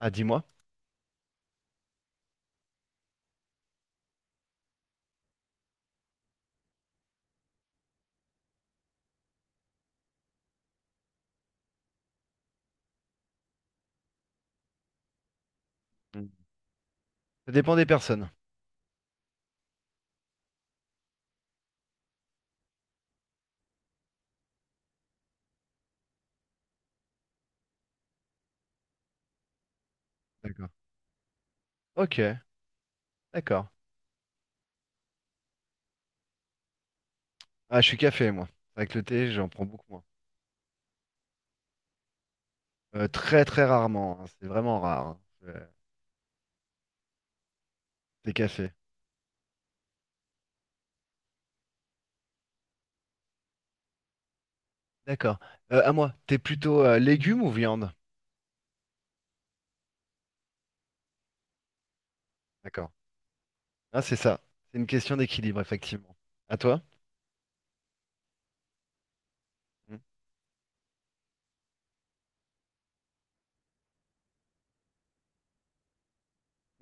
Ah, dis-moi. Mm. Ça dépend des personnes. D'accord. Ok, d'accord. Ah, je suis café, moi. Avec le thé, j'en prends beaucoup moins. Très, très rarement, hein. C'est vraiment rare, hein. Euh, Thé café. D'accord. À moi, t'es plutôt légumes ou viande? D'accord. Ah, c'est ça. C'est une question d'équilibre, effectivement. À toi? Mm.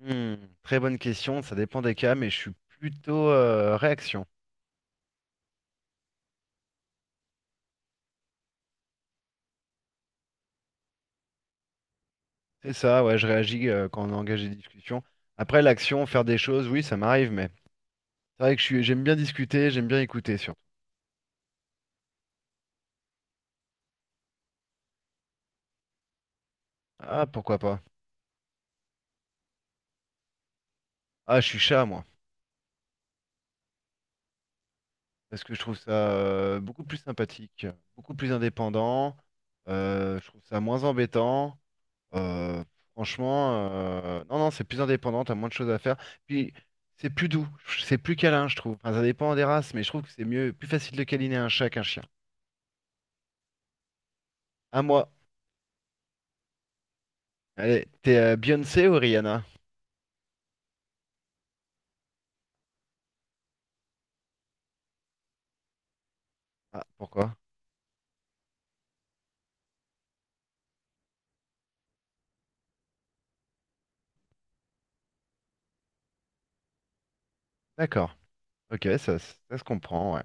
Hmm, Très bonne question. Ça dépend des cas, mais je suis plutôt réaction. C'est ça, ouais, je réagis quand on engage des discussions. Après, l'action, faire des choses, oui, ça m'arrive, mais c'est vrai que j'aime bien discuter, j'aime bien écouter, surtout. Ah, pourquoi pas. Ah, je suis chat, moi. Parce que je trouve ça beaucoup plus sympathique, beaucoup plus indépendant. Je trouve ça moins embêtant. euh, Franchement, non, non, c'est plus indépendant, t'as moins de choses à faire. Puis, c'est plus doux, c'est plus câlin, je trouve. Enfin, ça dépend des races, mais je trouve que c'est mieux, plus facile de câliner un chat qu'un chien. À moi. Allez, t'es Beyoncé ou Rihanna? Ah, pourquoi? D'accord. Ok, ça se comprend, ouais.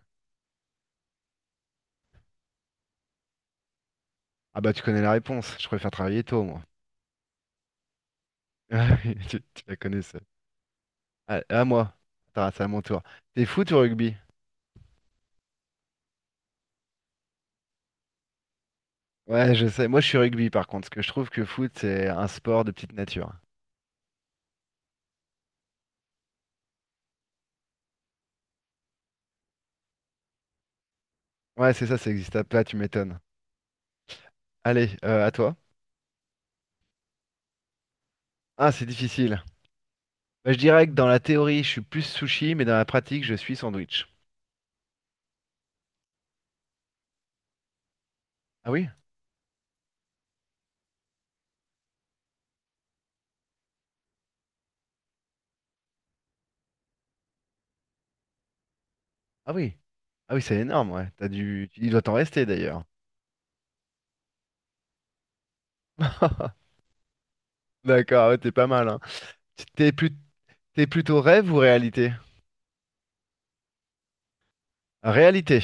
Ah bah, tu connais la réponse. Je préfère travailler tôt, moi. Ah oui, tu la connaissais. Ah, à moi. Attends, c'est à mon tour. T'es foot ou rugby? Ouais, je sais. Moi, je suis rugby par contre, parce que je trouve que foot, c'est un sport de petite nature. Ouais, c'est ça, ça existe pas, tu m'étonnes. Allez, à toi. Ah, c'est difficile. Bah, je dirais que dans la théorie, je suis plus sushi, mais dans la pratique, je suis sandwich. Ah oui? Ah oui. Ah oui, c'est énorme, ouais. Il doit t'en rester d'ailleurs. D'accord, ouais, t'es pas mal, hein. T'es plus... T'es plutôt rêve ou réalité? Réalité,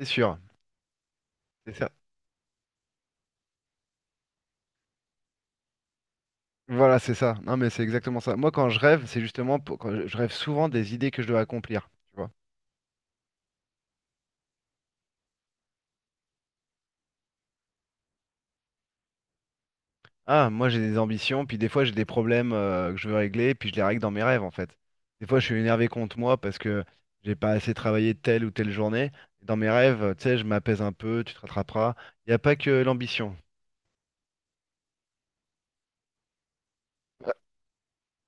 c'est sûr. C'est ça. Voilà, c'est ça. Non, mais c'est exactement ça. Moi, quand je rêve, c'est justement quand je rêve souvent des idées que je dois accomplir. Tu vois. Ah, moi, j'ai des ambitions, puis des fois, j'ai des problèmes que je veux régler, puis je les règle dans mes rêves, en fait. Des fois, je suis énervé contre moi parce que j'ai pas assez travaillé telle ou telle journée. Dans mes rêves, tu sais, je m'apaise un peu, tu te rattraperas. Il n'y a pas que l'ambition.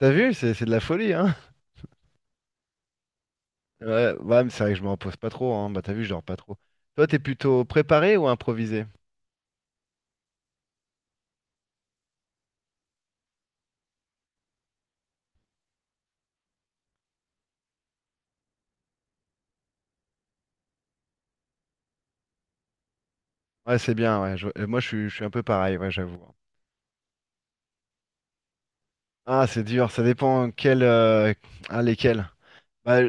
T'as vu, c'est de la folie, hein? Ouais, ouais, mais c'est vrai que je me repose pas trop, hein. Bah, t'as vu, je dors pas trop. Toi, t'es plutôt préparé ou improvisé? Ouais, c'est bien, ouais. Moi, je suis un peu pareil, ouais, j'avoue. Ah, c'est dur, ça dépend quel, ah, lesquels. Bah,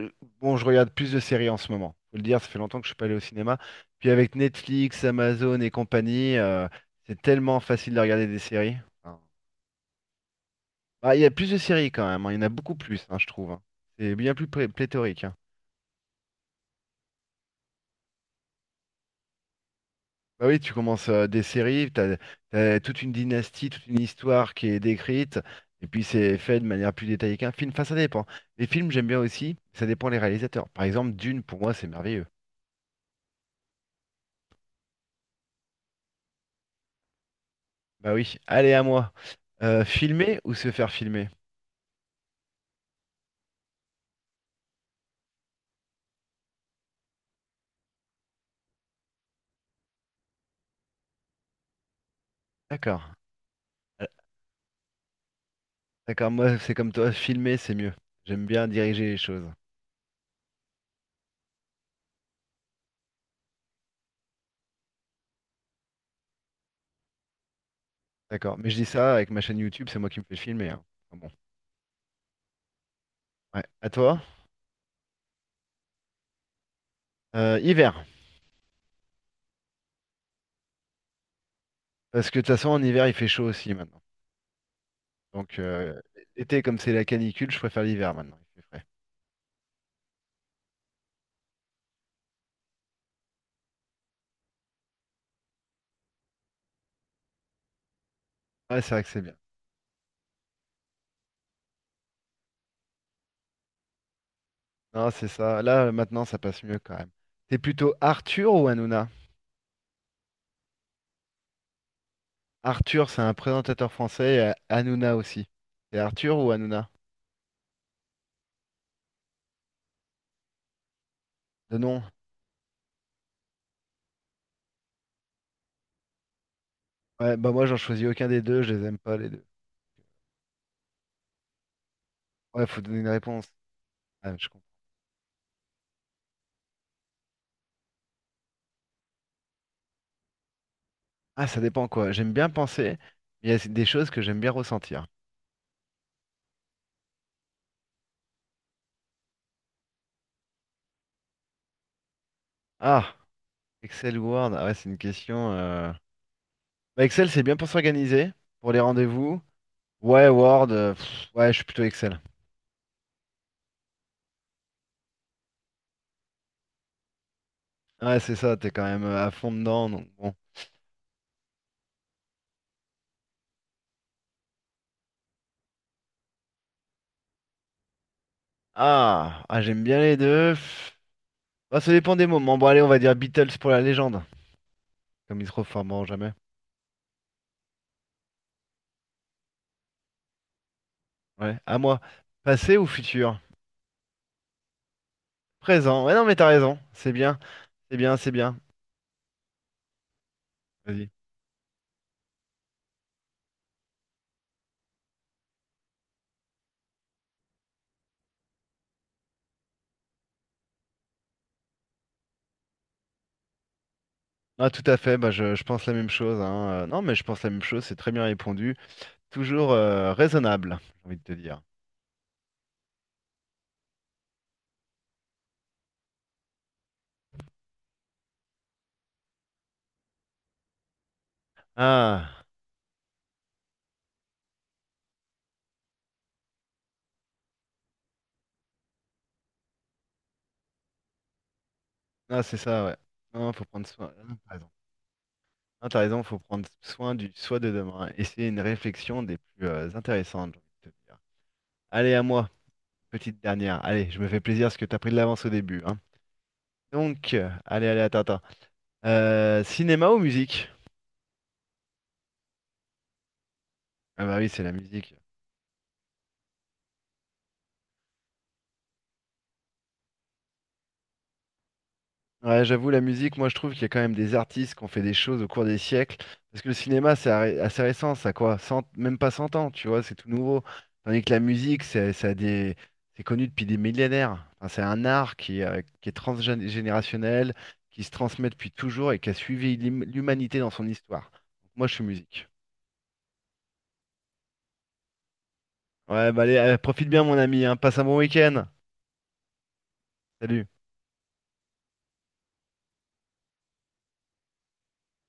bon, je regarde plus de séries en ce moment. Faut le dire, ça fait longtemps que je suis pas allé au cinéma. Puis avec Netflix, Amazon et compagnie, c'est tellement facile de regarder des séries. Enfin, bah, il y a plus de séries quand même, hein, il y en a beaucoup plus, hein, je trouve, hein. C'est bien plus pléthorique, hein. Bah oui, tu commences des séries, t'as toute une dynastie, toute une histoire qui est décrite, et puis c'est fait de manière plus détaillée qu'un film. Enfin, ça dépend. Les films, j'aime bien aussi, ça dépend les réalisateurs. Par exemple, Dune, pour moi, c'est merveilleux. Bah oui, allez à moi. Filmer ou se faire filmer? D'accord. Euh, D'accord, moi c'est comme toi, filmer c'est mieux. J'aime bien diriger les choses. D'accord, mais je dis ça avec ma chaîne YouTube, c'est moi qui me fais filmer, hein. Ah bon, ouais. À toi. Hiver, parce que de toute façon en hiver il fait chaud aussi maintenant. Donc l'été comme c'est la canicule, je préfère l'hiver maintenant, il fait frais. Ouais, c'est vrai que c'est bien. Non, c'est ça. Là maintenant ça passe mieux quand même. T'es plutôt Arthur ou Hanouna? Arthur c'est un présentateur français, et Hanouna aussi. C'est Arthur ou Hanouna? De nom. Ouais, bah moi j'en choisis aucun des deux, je les aime pas les deux. Ouais, faut donner une réponse. Ah, je comprends. Ah, ça dépend quoi. J'aime bien penser, mais il y a des choses que j'aime bien ressentir. Ah, Excel ou Word, ah ouais, c'est une question. Bah, Excel, c'est bien pour s'organiser, pour les rendez-vous. Ouais, Word, pff, ouais, je suis plutôt Excel. Ouais, c'est ça, t'es quand même à fond dedans, donc bon. Ah, ah j'aime bien les deux. Pff. Bah, ça dépend des moments. Bon, allez, on va dire Beatles pour la légende, comme ils se reformeront jamais. Ouais, à moi. Passé ou futur? Présent. Ouais, non, mais t'as raison, c'est bien. C'est bien, c'est bien. Vas-y. Ah, tout à fait, bah, je pense la même chose, hein. Non, mais je pense la même chose, c'est très bien répondu. Toujours raisonnable, j'ai envie de te dire. Ah, ah c'est ça, ouais. Non, faut prendre soin. Ah, t'as raison. Ah, t'as raison, faut prendre soin du soi de demain. Et c'est une réflexion des plus intéressantes, j'ai envie de te dire. Allez, à moi, petite dernière. Allez, je me fais plaisir parce que t'as pris de l'avance au début, hein. Donc, allez, allez, attends, attends. Cinéma ou musique? Ah bah oui, c'est la musique. Ouais, j'avoue, la musique, moi je trouve qu'il y a quand même des artistes qui ont fait des choses au cours des siècles. Parce que le cinéma, c'est assez récent, ça a quoi? 100 même pas 100 ans, tu vois, c'est tout nouveau. Tandis que la musique, c'est connu depuis des millénaires. Enfin, c'est un art qui est transgénérationnel, qui se transmet depuis toujours et qui a suivi l'humanité dans son histoire. Moi, je suis musique. Ouais, bah allez, profite bien, mon ami, hein. Passe un bon week-end. Salut.